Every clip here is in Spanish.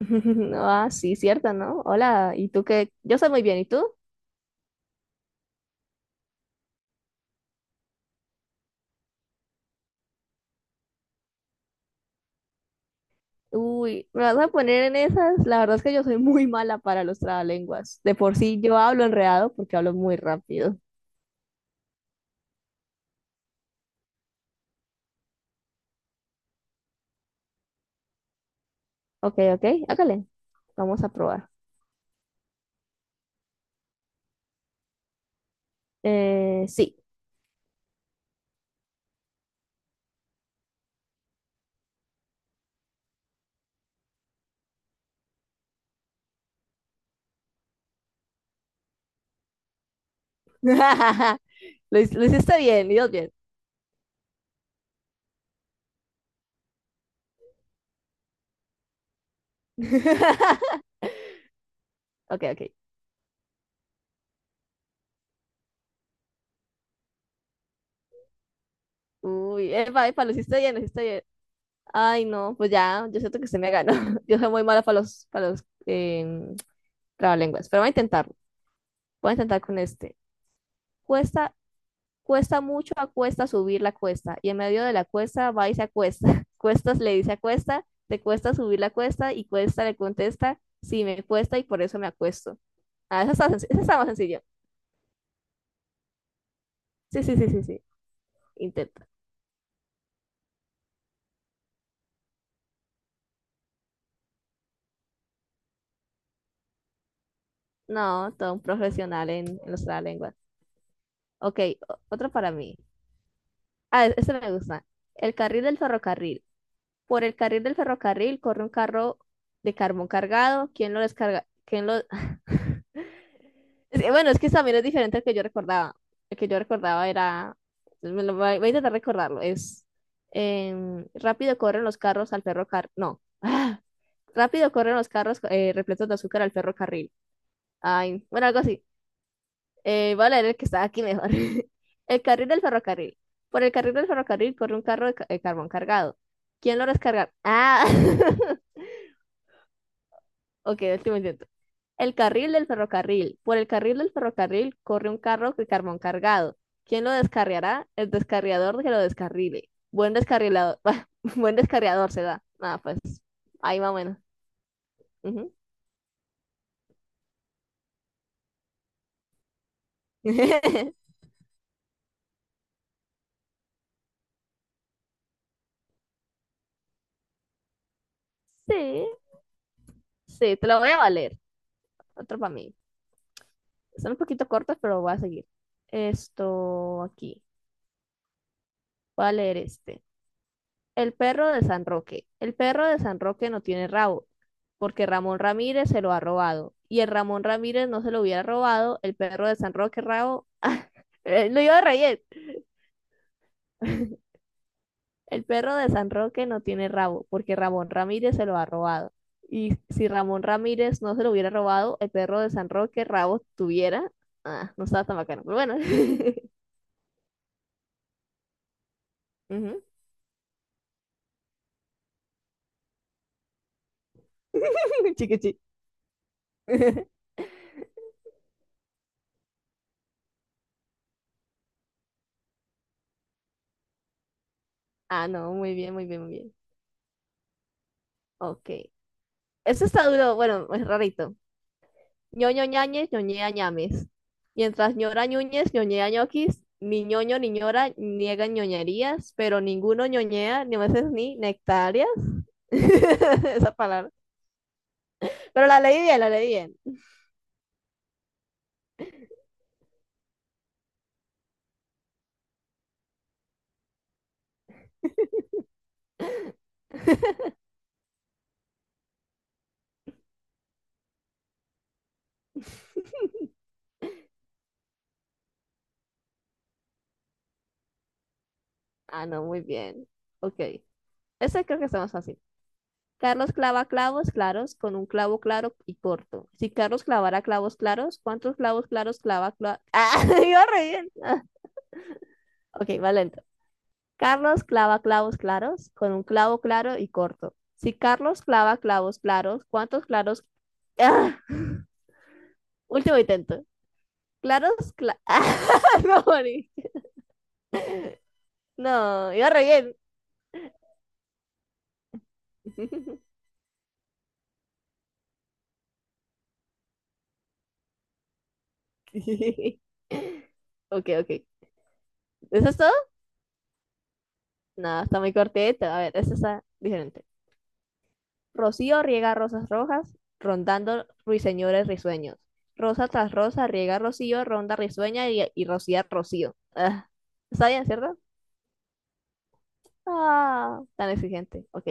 Ah, sí, cierto, ¿no? Hola, ¿y tú qué? Yo soy muy bien, ¿y tú? Uy, ¿me vas a poner en esas? La verdad es que yo soy muy mala para los trabalenguas. De por sí yo hablo enredado porque hablo muy rápido. Ok, ok, hágale. Vamos a probar. Sí. Lo hiciste bien, Dios bien. Ok, ok. Uy, epa, epa, lo hiciste bien, lo hiciste bien. Ay, no, pues ya, yo siento que se me ganó. Yo soy muy mala para los trabalenguas, pero voy a intentarlo. Voy a intentar con este. Cuesta Cuesta mucho, acuesta subir la cuesta, y en medio de la cuesta va y se acuesta. Cuestas le dice, acuesta te cuesta subir la cuesta, y cuesta le contesta, sí, me cuesta y por eso me acuesto. Ah, eso está más sencillo. Sí, sí, sí, sí, sí. Intenta. No, todo un profesional en nuestra lengua. Ok, otro para mí. Ah, este me gusta. El carril del ferrocarril. Por el carril del ferrocarril corre un carro de carbón cargado. ¿Quién lo descarga? ¿Quién lo...? Es que... Bueno, es que también es diferente al que yo recordaba. El que yo recordaba era... pues, voy a intentar recordarlo. Es... rápido corren los carros al ferrocarril. No. Ah. Rápido corren los carros, repletos de azúcar al ferrocarril. Ay, bueno, algo así. Voy a leer el que está aquí mejor. El carril del ferrocarril. Por el carril del ferrocarril corre un carro de carbón cargado. ¿Quién lo descarga? Ah, ok, último intento. El carril del ferrocarril. Por el carril del ferrocarril corre un carro de carbón cargado. ¿Quién lo descarriará? El descarriador que lo descarrile. Buen descarrilador. Buen descarriador se da. Nada, pues ahí va. Bueno. Ujú. Sí, sí, te lo voy a valer. Otro para mí. Están un poquito cortas, pero voy a seguir. Esto aquí. Voy a leer este. El perro de San Roque. El perro de San Roque no tiene rabo, porque Ramón Ramírez se lo ha robado. Y el Ramón Ramírez no se lo hubiera robado, el perro de San Roque rabo. Lo iba a reír. El perro de San Roque no tiene rabo, porque Ramón Ramírez se lo ha robado. Y si Ramón Ramírez no se lo hubiera robado, el perro de San Roque rabo tuviera. Ah, no estaba tan bacano, pero bueno. Ujú. Chiquichi. Ah, no, muy bien, muy bien, muy bien. Ok. Eso está duro, bueno, es rarito. Ñoño Ñañez, Ñoñea Ñames. Mientras Ñora Ñúñez, Ñoñea Ñoquis, ni Ñoño ni Ñora niegan ñoñerías, pero ninguno ñoñea, ni veces ni nectarias. Esa palabra. Pero la leí bien, la leí bien. Ah, no, muy bien. Ok. Ese creo que está más fácil. Carlos clava clavos claros con un clavo claro y corto. Si Carlos clavara clavos claros, ¿cuántos clavos claros clava? Ah, iba re bien. Ah, ok, va lento. Carlos clava clavos claros con un clavo claro y corto. Si Carlos clava clavos claros, ¿cuántos claros? Ah, último intento. Claros, Ah, no, no, iba re bien. Ok, ok. ¿Eso es todo? No, está muy cortito. A ver, eso está diferente. Rocío riega rosas rojas, rondando ruiseñores risueños. Rosa tras rosa riega rocío, ronda risueña y rocía rocío. Ah, ¿está bien, cierto? Ah, tan exigente. Ok.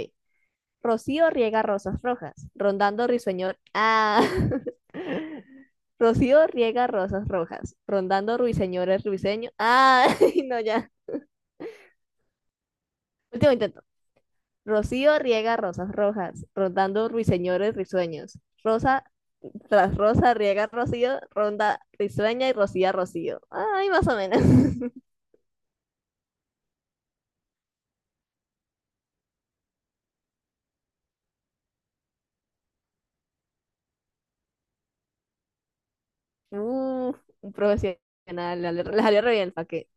Rocío riega rosas rojas, rondando risueñor. Ah. Rocío riega rosas rojas, rondando ruiseñores risueños. Ah, no, ya. Último intento. Rocío riega rosas rojas, rondando ruiseñores risueños. Rosa tras rosa, riega rocío, ronda risueña y rocía rocío. Ay, más o menos. Uf, un profesional. La salió re bien el qué.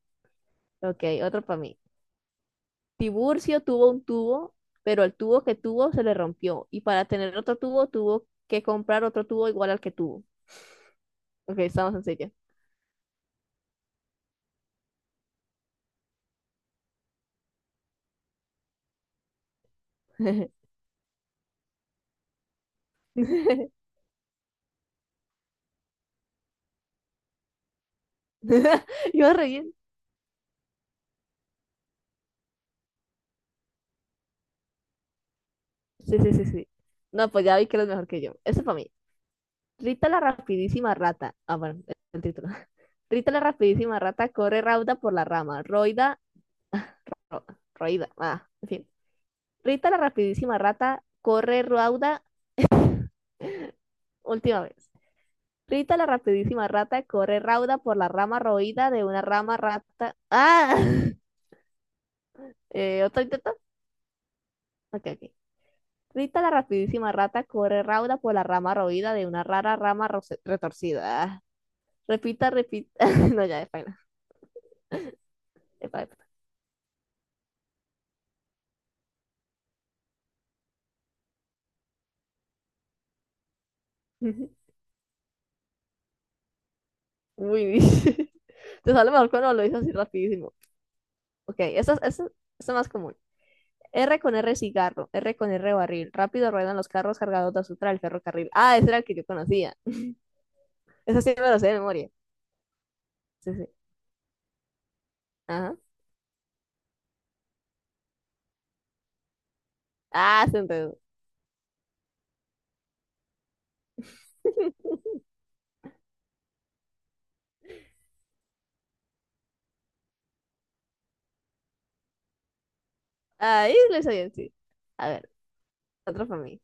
Ok, otro para mí. Tiburcio tuvo un tubo, pero el tubo que tuvo se le rompió. Y para tener otro tubo, tuvo que comprar otro tubo igual al que tuvo. Ok, estamos en serio. Iba re bien. Sí, sí, sí, sí. No, pues ya vi que eres mejor que yo. Eso para mí. Rita la rapidísima rata. Ah, bueno, el título. Rita la rapidísima rata corre rauda por la rama. Roida. ro- Roida. Ah, en fin. Rita la rapidísima rata corre rauda. Última vez. Rita la rapidísima rata corre rauda por la rama roída de una rama rata. ¡Ah! ¿Otro intento? Ok, ok. Rita la rapidísima rata corre rauda por la rama roída de una rara rama retorcida. Ah, repita, repita. No, ya, de Uy, te sale mejor cuando lo dices así rapidísimo. Ok, esta es más común. R con R cigarro, R con R barril. Rápido ruedan los carros cargados de azúcar al ferrocarril. Ah, ese era el que yo conocía. Ese sí me lo sé de memoria. Sí, sí. Ajá. Ah, se enredó. Ahí lo hice bien, sí. A ver, otro para mí.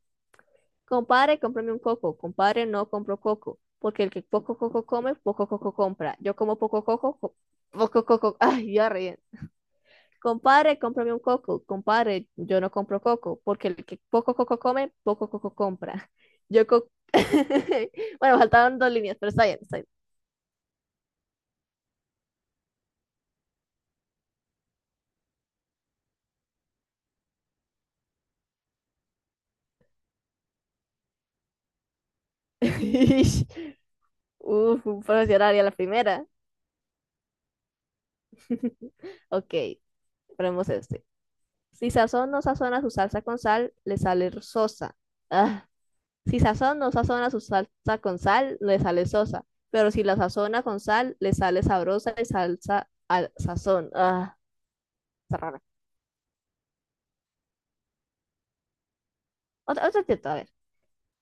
Compadre, cómprame un coco. Compadre, no compro coco. Porque el que poco coco come, poco coco compra. Yo como poco coco, poco coco. Ay, ya reí. Compadre, cómprame un coco. Compadre, yo no compro coco, porque el que poco coco come, poco coco compra. Yo co- Bueno, faltaban dos líneas, pero está bien, está bien. Uf, un profesional y a la primera. Ok, ponemos este. Si sazón no sazona su salsa con sal, le sale sosa. Ah, si sazón no sazona su salsa con sal, le sale sosa. Pero si la sazona con sal, le sale sabrosa y salsa al sazón. Ah, está rara. Otra intento, a ver.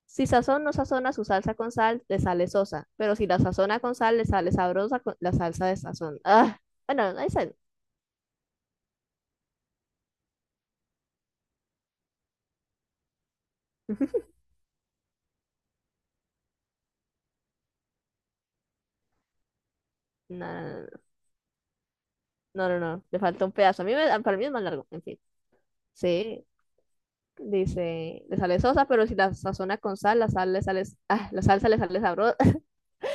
Si Sazón no sazona su salsa con sal, le sale sosa. Pero si la sazona con sal, le sale sabrosa con la salsa de sazón. Ah, bueno, ahí sale. No, no, no, no, no, le falta un pedazo. Para mí es más largo, en fin. Sí, dice, le sale sosa, pero si la sazona con sal, la salsa le sale sabrosa,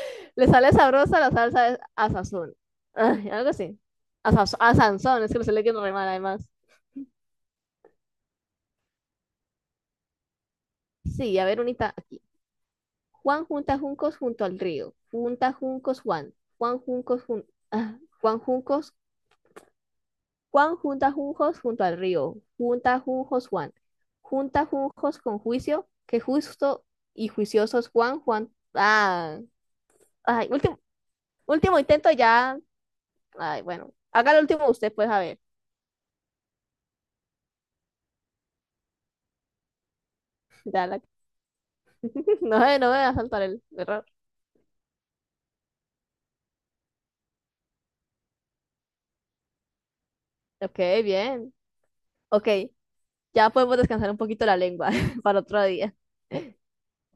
le sale sabrosa, la salsa de a sazón. Ay, algo así. A Sansón, es que lo estoy leyendo re mal además. Sí, a ver, unita, Juan junta juncos junto al río. Junta juncos Juan. Juan juncos. Juan junta juncos junto al río. Junta juncos Juan. Junta juncos con juicio. Que justo y juiciosos Juan. Juan. Ah. Ay, último, último intento ya. Ay, bueno. Haga el último usted, pues, a ver. Ya la- No, no me va a saltar el error. Ok, bien. Ok. Ya podemos descansar un poquito la lengua para otro día.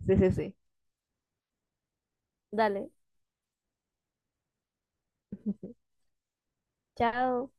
Sí, sí, sí. Dale. Chao.